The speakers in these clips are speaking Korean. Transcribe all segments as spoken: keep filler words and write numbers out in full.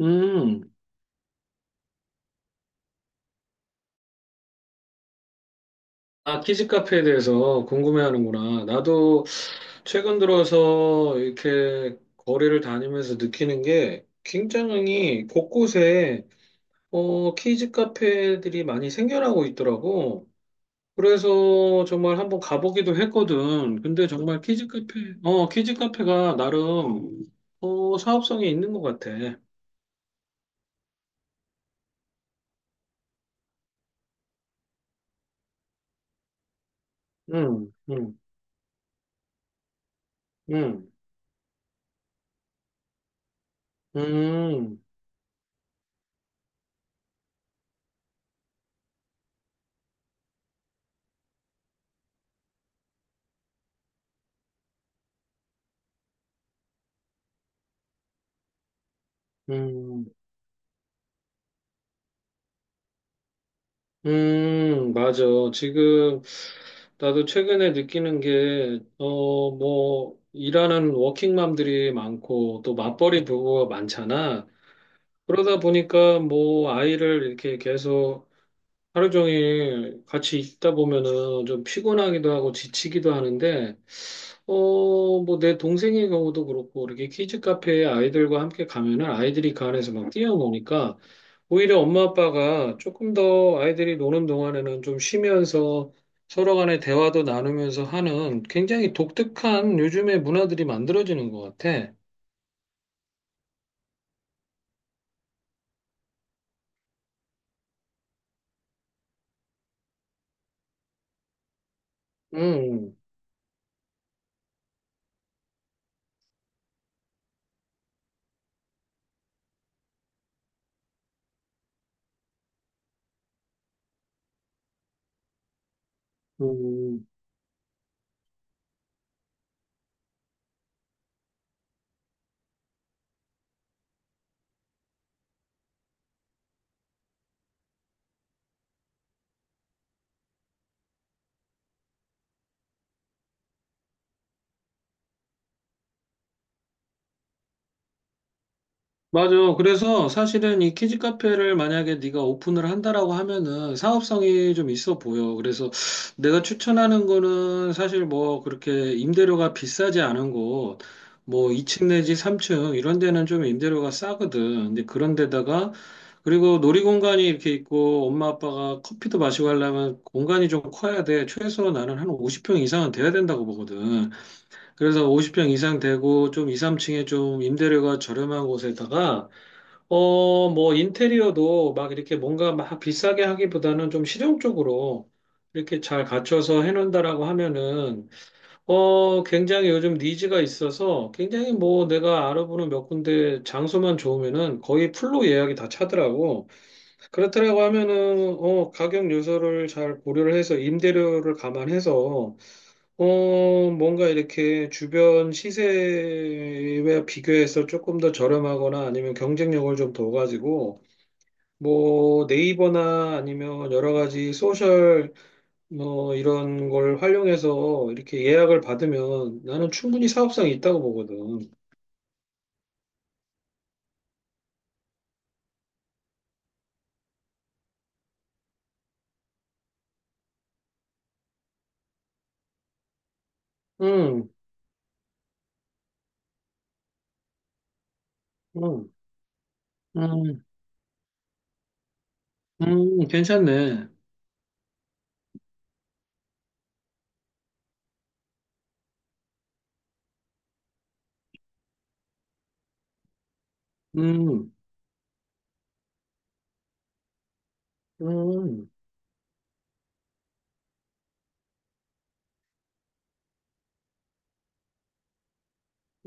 음, 아, 키즈 카페에 대해서 궁금해하는구나. 나도 최근 들어서 이렇게 거리를 다니면서 느끼는 게 굉장히 곳곳에 어, 키즈 카페들이 많이 생겨나고 있더라고. 그래서 정말 한번 가보기도 했거든. 근데 정말 키즈 카페, 어, 키즈 카페가 나름 어, 사업성이 있는 것 같아. 음, 음, 음, 음, 음. 음, 맞아. 지금 나도 최근에 느끼는 게, 어, 뭐, 일하는 워킹맘들이 많고, 또 맞벌이 부부가 많잖아. 그러다 보니까 뭐, 아이를 이렇게 계속 하루 종일 같이 있다 보면은 좀 피곤하기도 하고 지치기도 하는데, 어, 뭐 내 동생의 경우도 그렇고, 이렇게 키즈 카페에 아이들과 함께 가면은 아이들이 그 안에서 막 뛰어노니까, 오히려 엄마 아빠가 조금 더 아이들이 노는 동안에는 좀 쉬면서 서로 간의 대화도 나누면서 하는 굉장히 독특한 요즘의 문화들이 만들어지는 것 같아. 음, 음. 맞아. 그래서 사실은 이 키즈 카페를 만약에 네가 오픈을 한다라고 하면은 사업성이 좀 있어 보여. 그래서 내가 추천하는 거는 사실 뭐 그렇게 임대료가 비싸지 않은 곳, 뭐 이 층 내지 삼 층 이런 데는 좀 임대료가 싸거든. 근데 그런 데다가 그리고 놀이공간이 이렇게 있고 엄마 아빠가 커피도 마시고 하려면 공간이 좀 커야 돼. 최소 나는 한 오십 평 이상은 돼야 된다고 보거든. 그래서 오십 평 이상 되고 좀 이, 삼 층에 좀 임대료가 저렴한 곳에다가 어, 뭐, 인테리어도 막 이렇게 뭔가 막 비싸게 하기보다는 좀 실용적으로 이렇게 잘 갖춰서 해놓는다라고 하면은, 어, 굉장히 요즘 니즈가 있어서 굉장히 뭐 내가 알아보는 몇 군데 장소만 좋으면은 거의 풀로 예약이 다 차더라고. 그렇다라고 하면은, 어, 가격 요소를 잘 고려를 해서 임대료를 감안해서, 어, 뭔가 이렇게 주변 시세와 비교해서 조금 더 저렴하거나 아니면 경쟁력을 좀 둬가지고 뭐 네이버나 아니면 여러 가지 소셜 뭐 이런 걸 활용해서 이렇게 예약을 받으면 나는 충분히 사업성이 있다고 보거든. 음, 음, 음, 음, 괜찮네. 음, 음,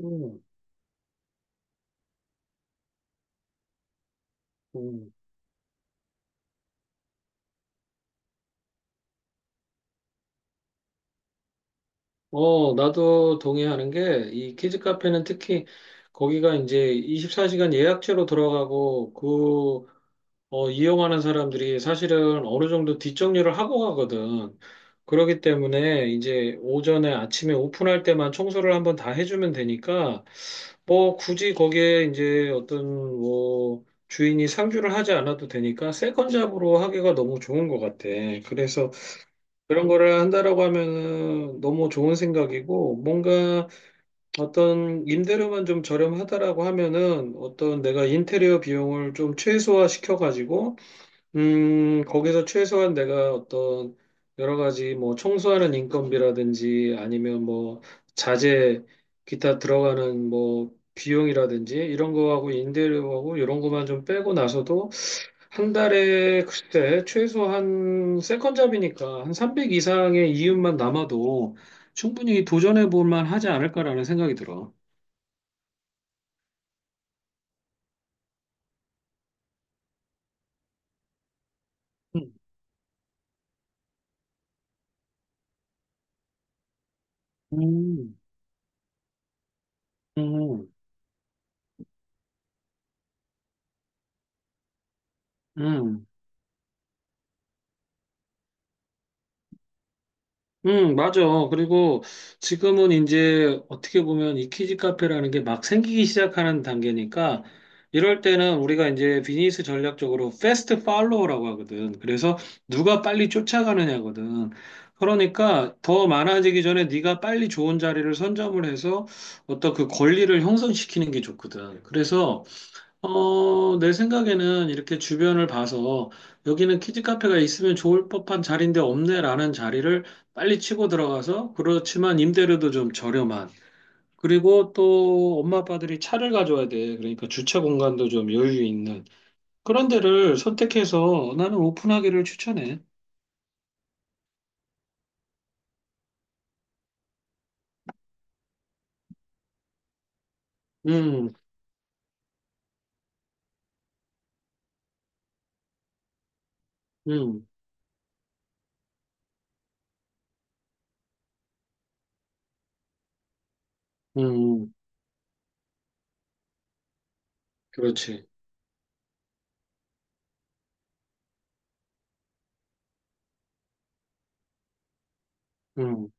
음, 음. 어, 나도 동의하는 게 이 키즈 카페는 특히 거기가 이제 이십사 시간 예약제로 들어가고 그 어, 이용하는 사람들이 사실은 어느 정도 뒷정리를 하고 가거든. 그렇기 때문에 이제 오전에 아침에 오픈할 때만 청소를 한번 다 해주면 되니까 뭐 굳이 거기에 이제 어떤 뭐 주인이 상주를 하지 않아도 되니까 세컨잡으로 하기가 너무 좋은 것 같아. 그래서 그런 거를 한다라고 하면은 너무 좋은 생각이고 뭔가 어떤 임대료만 좀 저렴하다라고 하면은 어떤 내가 인테리어 비용을 좀 최소화 시켜가지고 음, 거기서 최소한 내가 어떤 여러 가지 뭐 청소하는 인건비라든지 아니면 뭐 자재 기타 들어가는 뭐 비용이라든지 이런 거하고 임대료하고 이런 거만 좀 빼고 나서도 한 달에 글쎄 최소 한 세컨잡이니까 한 삼백 이상의 이윤만 남아도 충분히 도전해 볼 만하지 않을까라는 생각이 들어. 음, 음, 음, 음. 응, 맞아. 그리고 지금은 이제 어떻게 보면 이 키즈 카페라는 게 막 생기기 시작하는 단계니까 이럴 때는 우리가 이제 비즈니스 전략적으로 패스트 팔로우라고 하거든. 그래서 누가 빨리 쫓아가느냐거든. 그러니까 더 많아지기 전에 네가 빨리 좋은 자리를 선점을 해서 어떤 그 권리를 형성시키는 게 좋거든. 그래서 어, 내 생각에는 이렇게 주변을 봐서 여기는 키즈 카페가 있으면 좋을 법한 자리인데 없네라는 자리를 빨리 치고 들어가서 그렇지만 임대료도 좀 저렴한 그리고 또 엄마 아빠들이 차를 가져와야 돼. 그러니까 주차 공간도 좀 여유 있는 그런 데를 선택해서 나는 오픈하기를 추천해. 음, 음, 음, 그렇지. 음,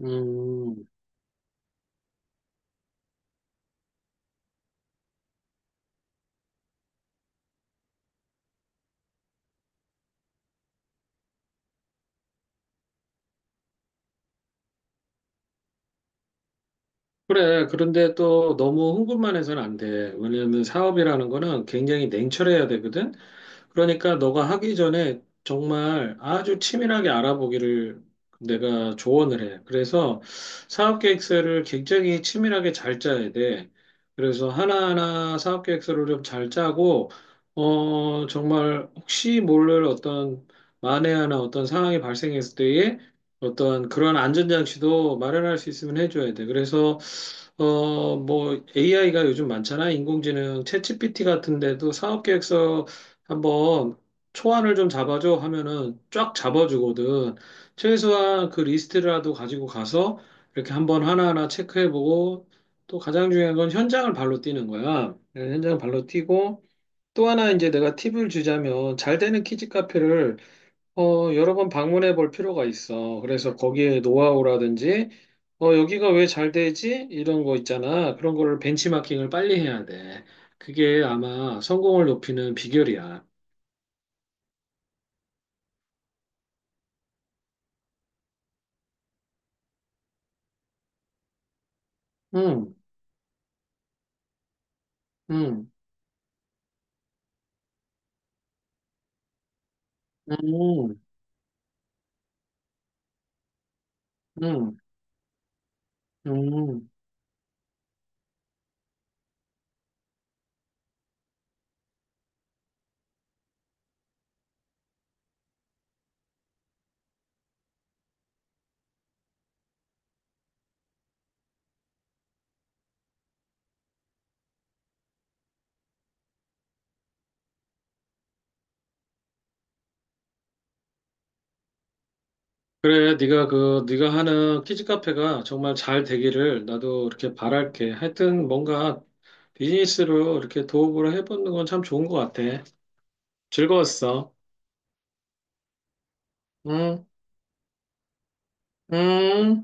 음. 그래. 그런데 또 너무 흥분만 해서는 안 돼. 왜냐하면 사업이라는 거는 굉장히 냉철해야 되거든. 그러니까 너가 하기 전에 정말 아주 치밀하게 알아보기를 내가 조언을 해. 그래서 사업 계획서를 굉장히 치밀하게 잘 짜야 돼. 그래서 하나하나 사업 계획서를 좀 잘 짜고, 어, 정말 혹시 모를 어떤 만에 하나 어떤 상황이 발생했을 때에 어떤 그런 안전장치도 마련할 수 있으면 해줘야 돼. 그래서 어, 뭐 에이아이가 요즘 많잖아. 인공지능 챗지피티 같은 데도 사업 계획서 한번 초안을 좀 잡아줘 하면은 쫙 잡아주거든. 최소한 그 리스트라도 가지고 가서 이렇게 한번 하나하나 체크해보고 또 가장 중요한 건 현장을 발로 뛰는 거야. 네, 현장을 발로 뛰고 또 하나 이제 내가 팁을 주자면 잘 되는 키즈 카페를 어, 여러 번 방문해 볼 필요가 있어. 그래서 거기에 노하우라든지 어, 여기가 왜 잘 되지? 이런 거 있잖아. 그런 거를 벤치마킹을 빨리 해야 돼. 그게 아마 성공을 높이는 비결이야. 응, 응, 응, 응, 응. 그래, 네가 그 네가 하는 키즈 카페가 정말 잘 되기를 나도 이렇게 바랄게. 하여튼 뭔가 비즈니스로 이렇게 도움을 해보는 건 참 좋은 것 같아. 즐거웠어. 응, 응.